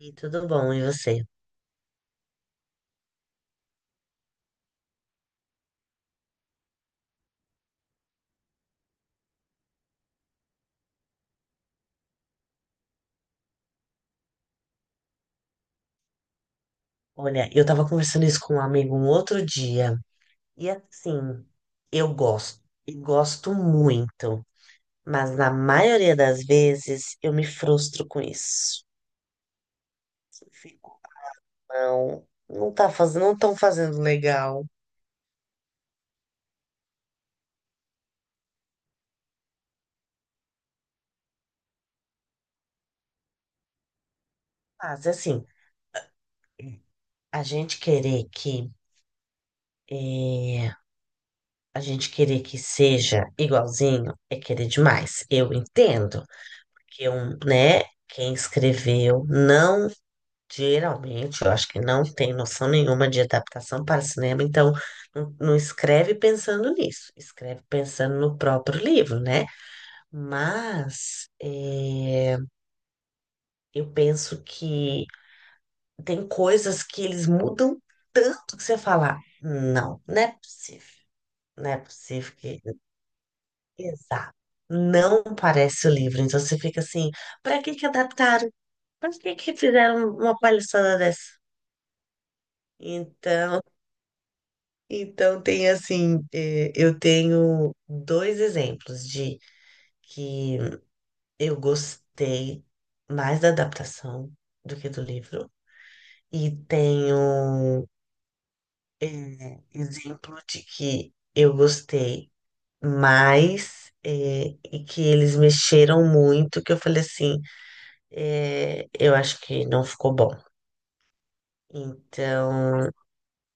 E tudo bom, e você? Olha, eu tava conversando isso com um amigo um outro dia, e assim, eu gosto, e gosto muito, mas na maioria das vezes eu me frustro com isso. Eu fico, não, não tá fazendo, não estão fazendo legal. Mas assim, a gente querer que, eh, a gente querer que seja igualzinho é querer demais. Eu entendo que um, né, quem escreveu não. Geralmente, eu acho que não tem noção nenhuma de adaptação para cinema, então não, não escreve pensando nisso, escreve pensando no próprio livro, né? Mas eu penso que tem coisas que eles mudam tanto que você fala, não, não é possível, não é possível que. Exato. Não parece o livro, então você fica assim, para que que adaptaram? Para que que fizeram uma palhaçada dessa? Então. Então, tem assim, eu tenho dois exemplos de que eu gostei mais da adaptação do que do livro, e tenho exemplo de que eu gostei mais, e que eles mexeram muito, que eu falei assim, eu acho que não ficou bom. Então,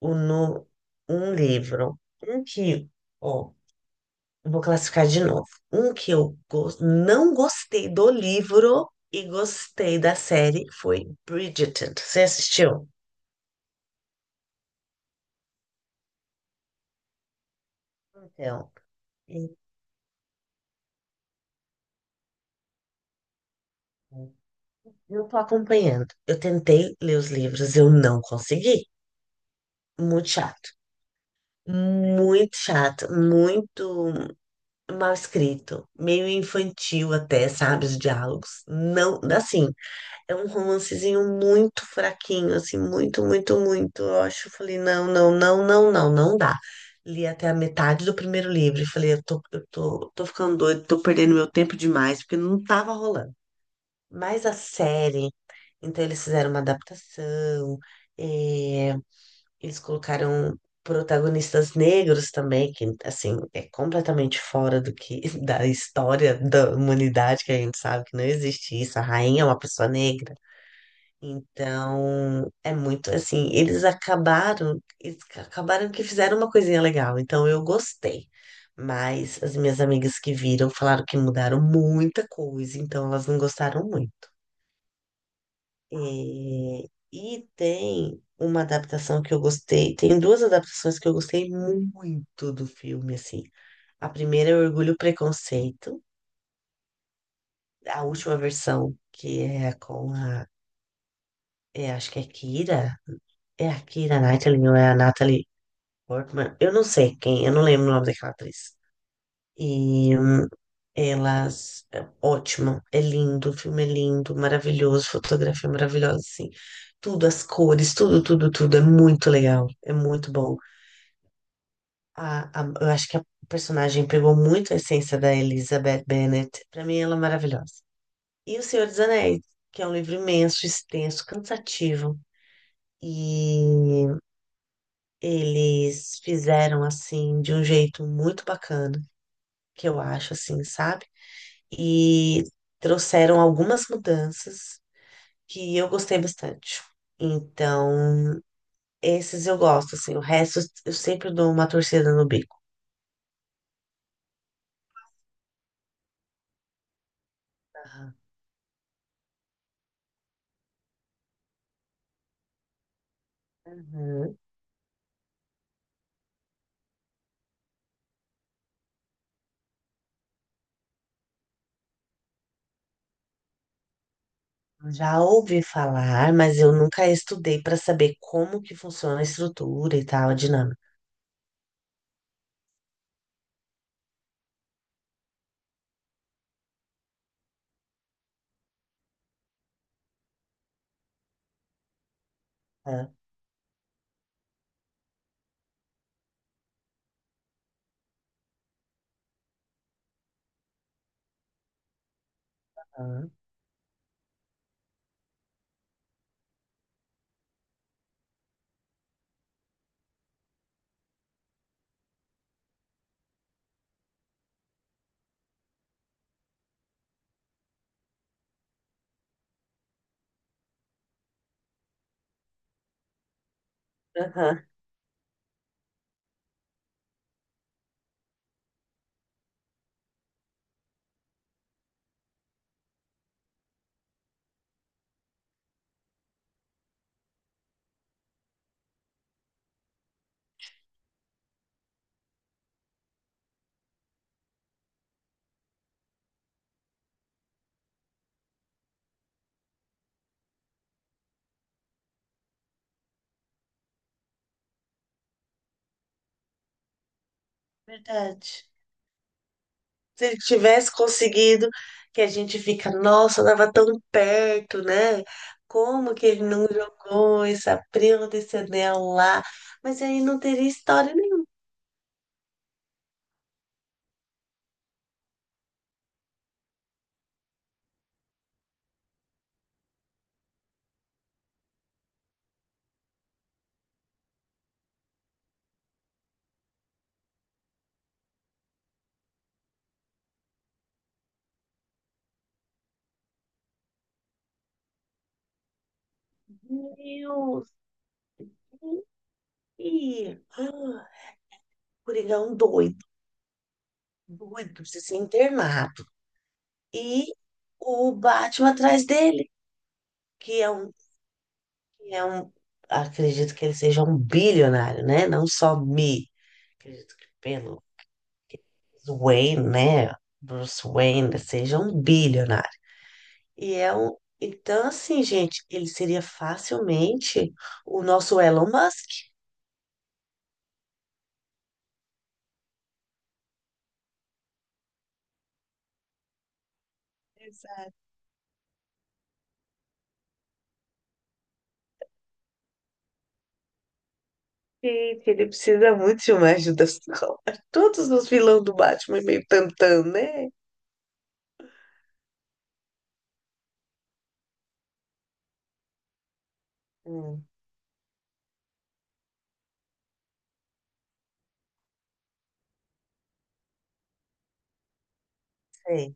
o, no, um livro, um que, ó, eu vou classificar de novo. Um que eu não gostei do livro e gostei da série foi Bridgerton. Você assistiu? Então, então, não tô acompanhando. Eu tentei ler os livros, eu não consegui. Muito chato. Muito chato, muito mal escrito, meio infantil até, sabe, os diálogos. Não, assim, é um romancezinho muito fraquinho, assim, muito, muito, muito. Eu acho, eu falei, não, não, não, não, não, não dá. Li até a metade do primeiro livro e falei, tô ficando doido, tô perdendo meu tempo demais, porque não tava rolando. Mas a série, então eles fizeram uma adaptação, eh, eles colocaram protagonistas negros também, que, assim, é completamente fora do que, da história da humanidade, que a gente sabe que não existe isso. A rainha é uma pessoa negra. Então, é muito assim, eles acabaram que fizeram uma coisinha legal, então eu gostei. Mas as minhas amigas que viram falaram que mudaram muita coisa, então elas não gostaram muito. É. E tem uma adaptação que eu gostei, tem duas adaptações que eu gostei muito do filme, assim. A primeira é Orgulho e Preconceito, a última versão, que é com a, é, acho que é Kira, é a Kira Knightley ou é a Natalie Portman, eu não sei quem, eu não lembro o nome daquela atriz. E elas, é ótimo, é lindo, o filme é lindo, maravilhoso, fotografia maravilhosa, assim. Tudo, as cores, tudo, tudo, tudo, é muito legal, é muito bom. A, eu acho que a personagem pegou muito a essência da Elizabeth Bennet, pra mim ela é maravilhosa. E O Senhor dos Anéis, que é um livro imenso, extenso, cansativo. E eles fizeram assim de um jeito muito bacana que eu acho, assim, sabe? E trouxeram algumas mudanças que eu gostei bastante. Então, esses eu gosto, assim, o resto eu sempre dou uma torcida no bico. Aham. Uhum. Já ouvi falar, mas eu nunca estudei para saber como que funciona a estrutura e tal, a dinâmica. Aham. Aham. Verdade. Se ele tivesse conseguido, que a gente fica, nossa, estava tão perto, né? Como que ele não jogou essa prima desse anel lá? Mas aí não teria história nenhuma. Meu Deus! E... Ah, Coringão doido, doido, precisa ser internado. E o Batman atrás dele, que é um, que é um, acredito que ele seja um bilionário, né? Não só me, acredito que pelo Wayne, né? Bruce Wayne, seja um bilionário. E é um... Então, assim, gente, ele seria facilmente o nosso Elon Musk. Exato. Gente, ele precisa muito de uma ajuda psicológica. Todos os vilões do Batman é meio tantão, né? Hum, sei.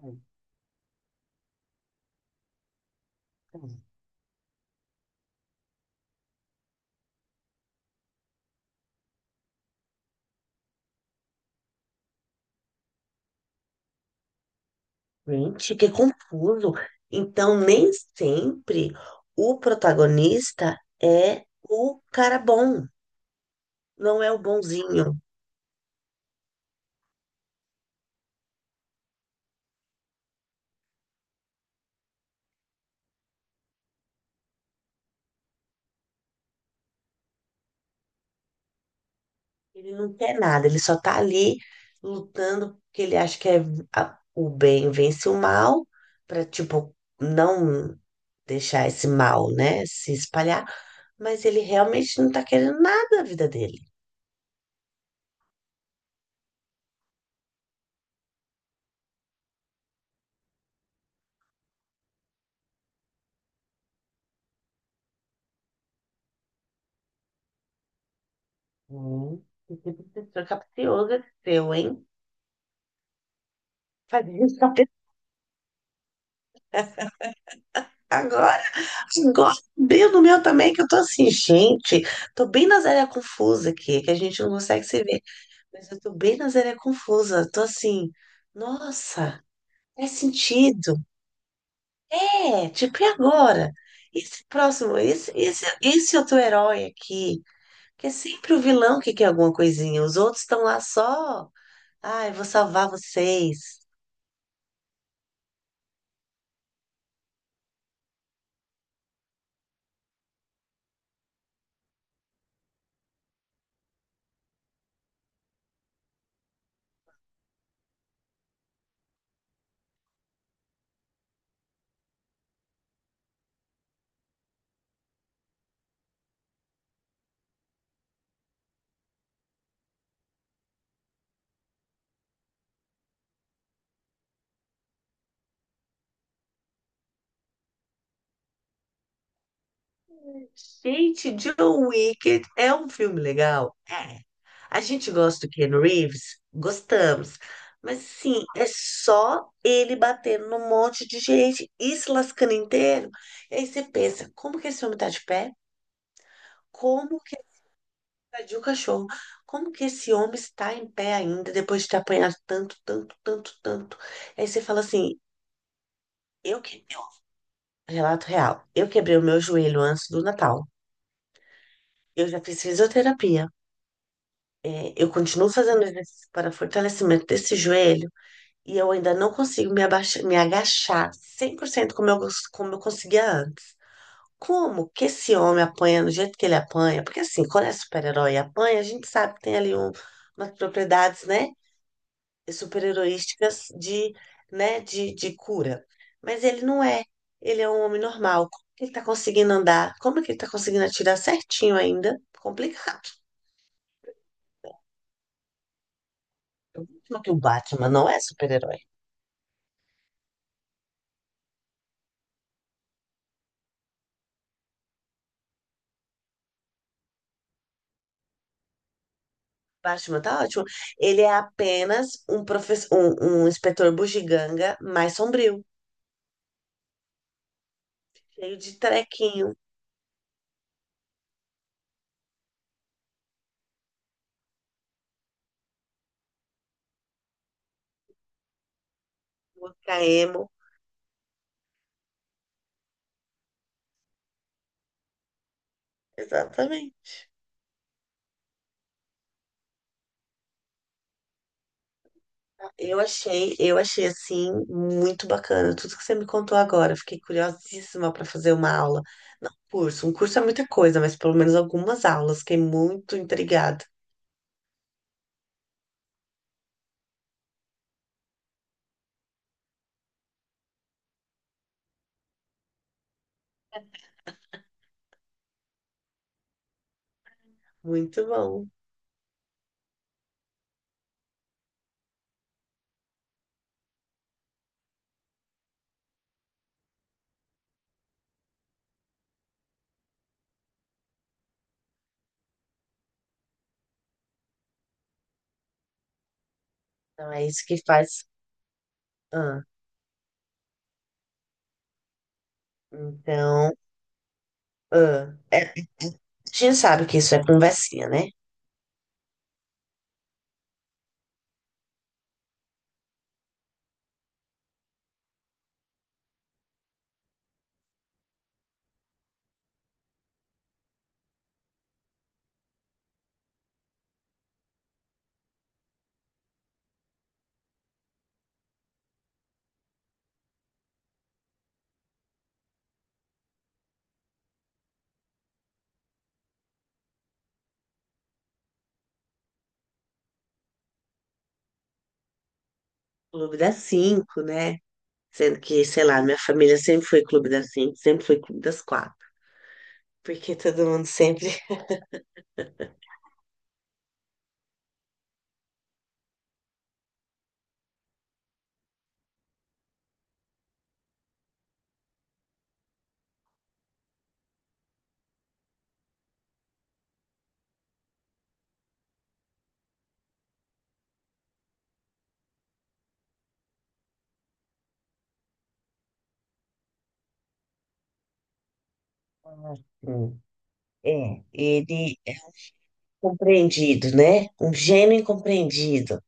Hum, hum. Gente, que confuso. Então, nem sempre o protagonista é o cara bom, não é o bonzinho. Ele não quer nada, ele só tá ali lutando porque ele acha que é o bem vence o mal, pra, tipo, não deixar esse mal, né, se espalhar, mas ele realmente não tá querendo nada da vida dele. Hum, que tipo de pessoa capciosa que seu, hein? Fazer isso pra pessoa agora, agora, bem no meu também, que eu tô assim, gente, tô bem na zéia confusa aqui, que a gente não consegue se ver. Mas eu tô bem na Zélia Confusa. Tô assim, nossa, faz sentido. É, tipo, e agora? Esse próximo, esse outro herói aqui, que é sempre o vilão que quer alguma coisinha. Os outros estão lá só, ai, vou salvar vocês. Gente, John Wick é um filme legal? É. A gente gosta do Ken Reeves? Gostamos. Mas, sim, é só ele batendo num monte de gente e se lascando inteiro. E aí você pensa, como que esse homem tá de pé? Como que ele invadiu o cachorro? Como que esse homem está em pé ainda depois de ter apanhado tanto, tanto, tanto, tanto? Aí você fala assim, eu que... Relato real, eu quebrei o meu joelho antes do Natal. Eu já fiz fisioterapia. Eu continuo fazendo exercício para fortalecimento desse joelho e eu ainda não consigo me abaixar, me agachar 100% como eu, como eu conseguia antes. Como que esse homem apanha do jeito que ele apanha? Porque assim, quando é super-herói e apanha, a gente sabe que tem ali umas propriedades, né, super-heroísticas de, né, de cura. Mas ele não é. Ele é um homem normal. Como que ele tá conseguindo andar? Como que ele tá conseguindo atirar certinho ainda? Complicado. Eu que o Batman não é super-herói. Batman tá ótimo. Ele é apenas um professor, um inspetor bugiganga mais sombrio, cheio de trequinho, caemo. Exatamente. Eu achei assim muito bacana tudo que você me contou agora. Eu fiquei curiosíssima para fazer uma aula. Não, curso, um curso é muita coisa, mas pelo menos algumas aulas. Fiquei muito intrigada. Muito bom. Então é isso que faz. Ah, então, ah, a gente sabe que isso é conversinha, né? Clube das cinco, né? Sendo que, sei lá, minha família sempre foi Clube das cinco, sempre foi Clube das quatro. Porque todo mundo sempre. Ah, sim. É, ele é compreendido, né? Um gênio incompreendido.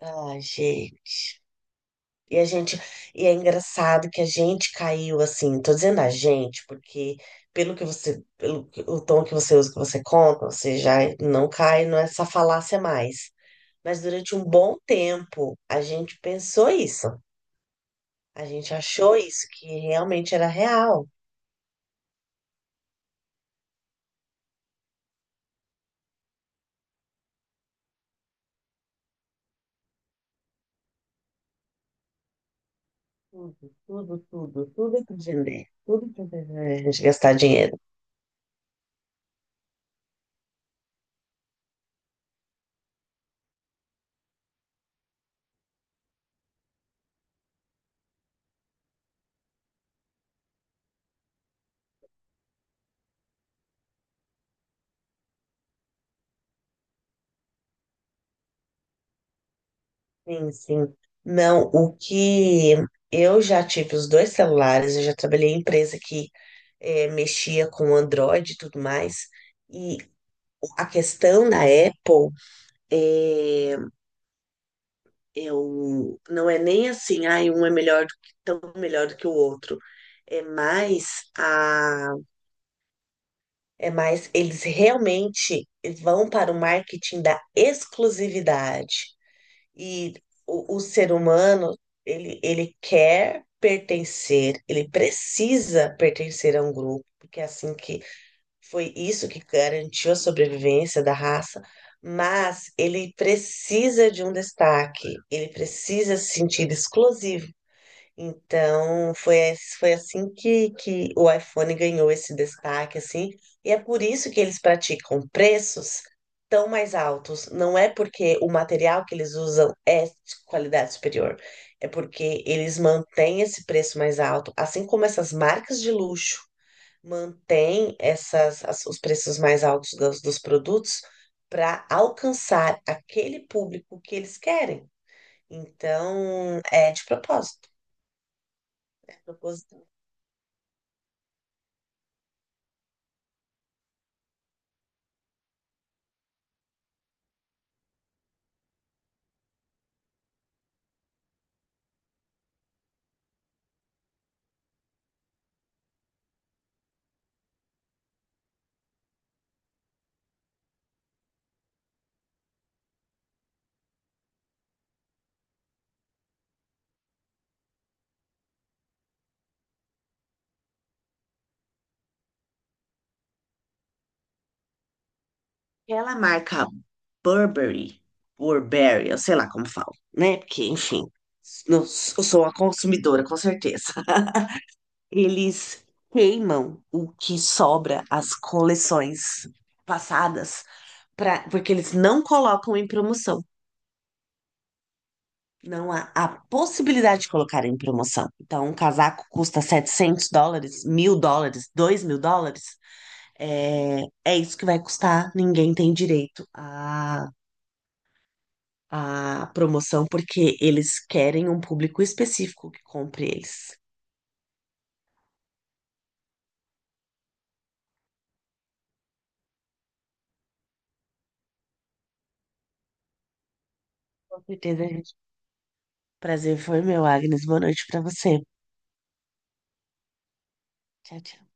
Ai, gente. E a gente, e é engraçado que a gente caiu assim, tô dizendo a gente, porque pelo que você, pelo que- o tom que você usa, que você conta, você já não cai nessa falácia mais. Mas durante um bom tempo, a gente pensou isso. A gente achou isso, que realmente era real. Tudo, tudo, tudo, tudo que vender, a gente gastar dinheiro. Sim, sim. Não, o que eu já tive os dois celulares, eu já trabalhei em empresa que mexia com Android e tudo mais. E a questão da Apple é, eu, não é nem assim, ai, um é melhor do que, tão melhor do que o outro. É mais a É mais, eles realmente vão para o marketing da exclusividade. E o ser humano, ele quer pertencer, ele precisa pertencer a um grupo, porque é assim que foi isso que garantiu a sobrevivência da raça, mas ele precisa de um destaque, ele precisa se sentir exclusivo. Então, foi, foi assim que o iPhone ganhou esse destaque, assim, e é por isso que eles praticam preços tão mais altos. Não é porque o material que eles usam é de qualidade superior, é porque eles mantêm esse preço mais alto, assim como essas marcas de luxo mantêm os preços mais altos dos produtos para alcançar aquele público que eles querem. Então, é de propósito. Aquela marca Burberry, Burberry, eu sei lá como falo, né? Porque, enfim, eu sou uma consumidora, com certeza. Eles queimam o que sobra as coleções passadas, pra, porque eles não colocam em promoção. Não há a possibilidade de colocar em promoção. Então, um casaco custa US$ 700, US$ 1.000, US$ 2.000. É, é isso que vai custar. Ninguém tem direito a promoção porque eles querem um público específico que compre eles. Com certeza, gente. Prazer foi meu, Agnes. Boa noite pra você. Tchau, tchau.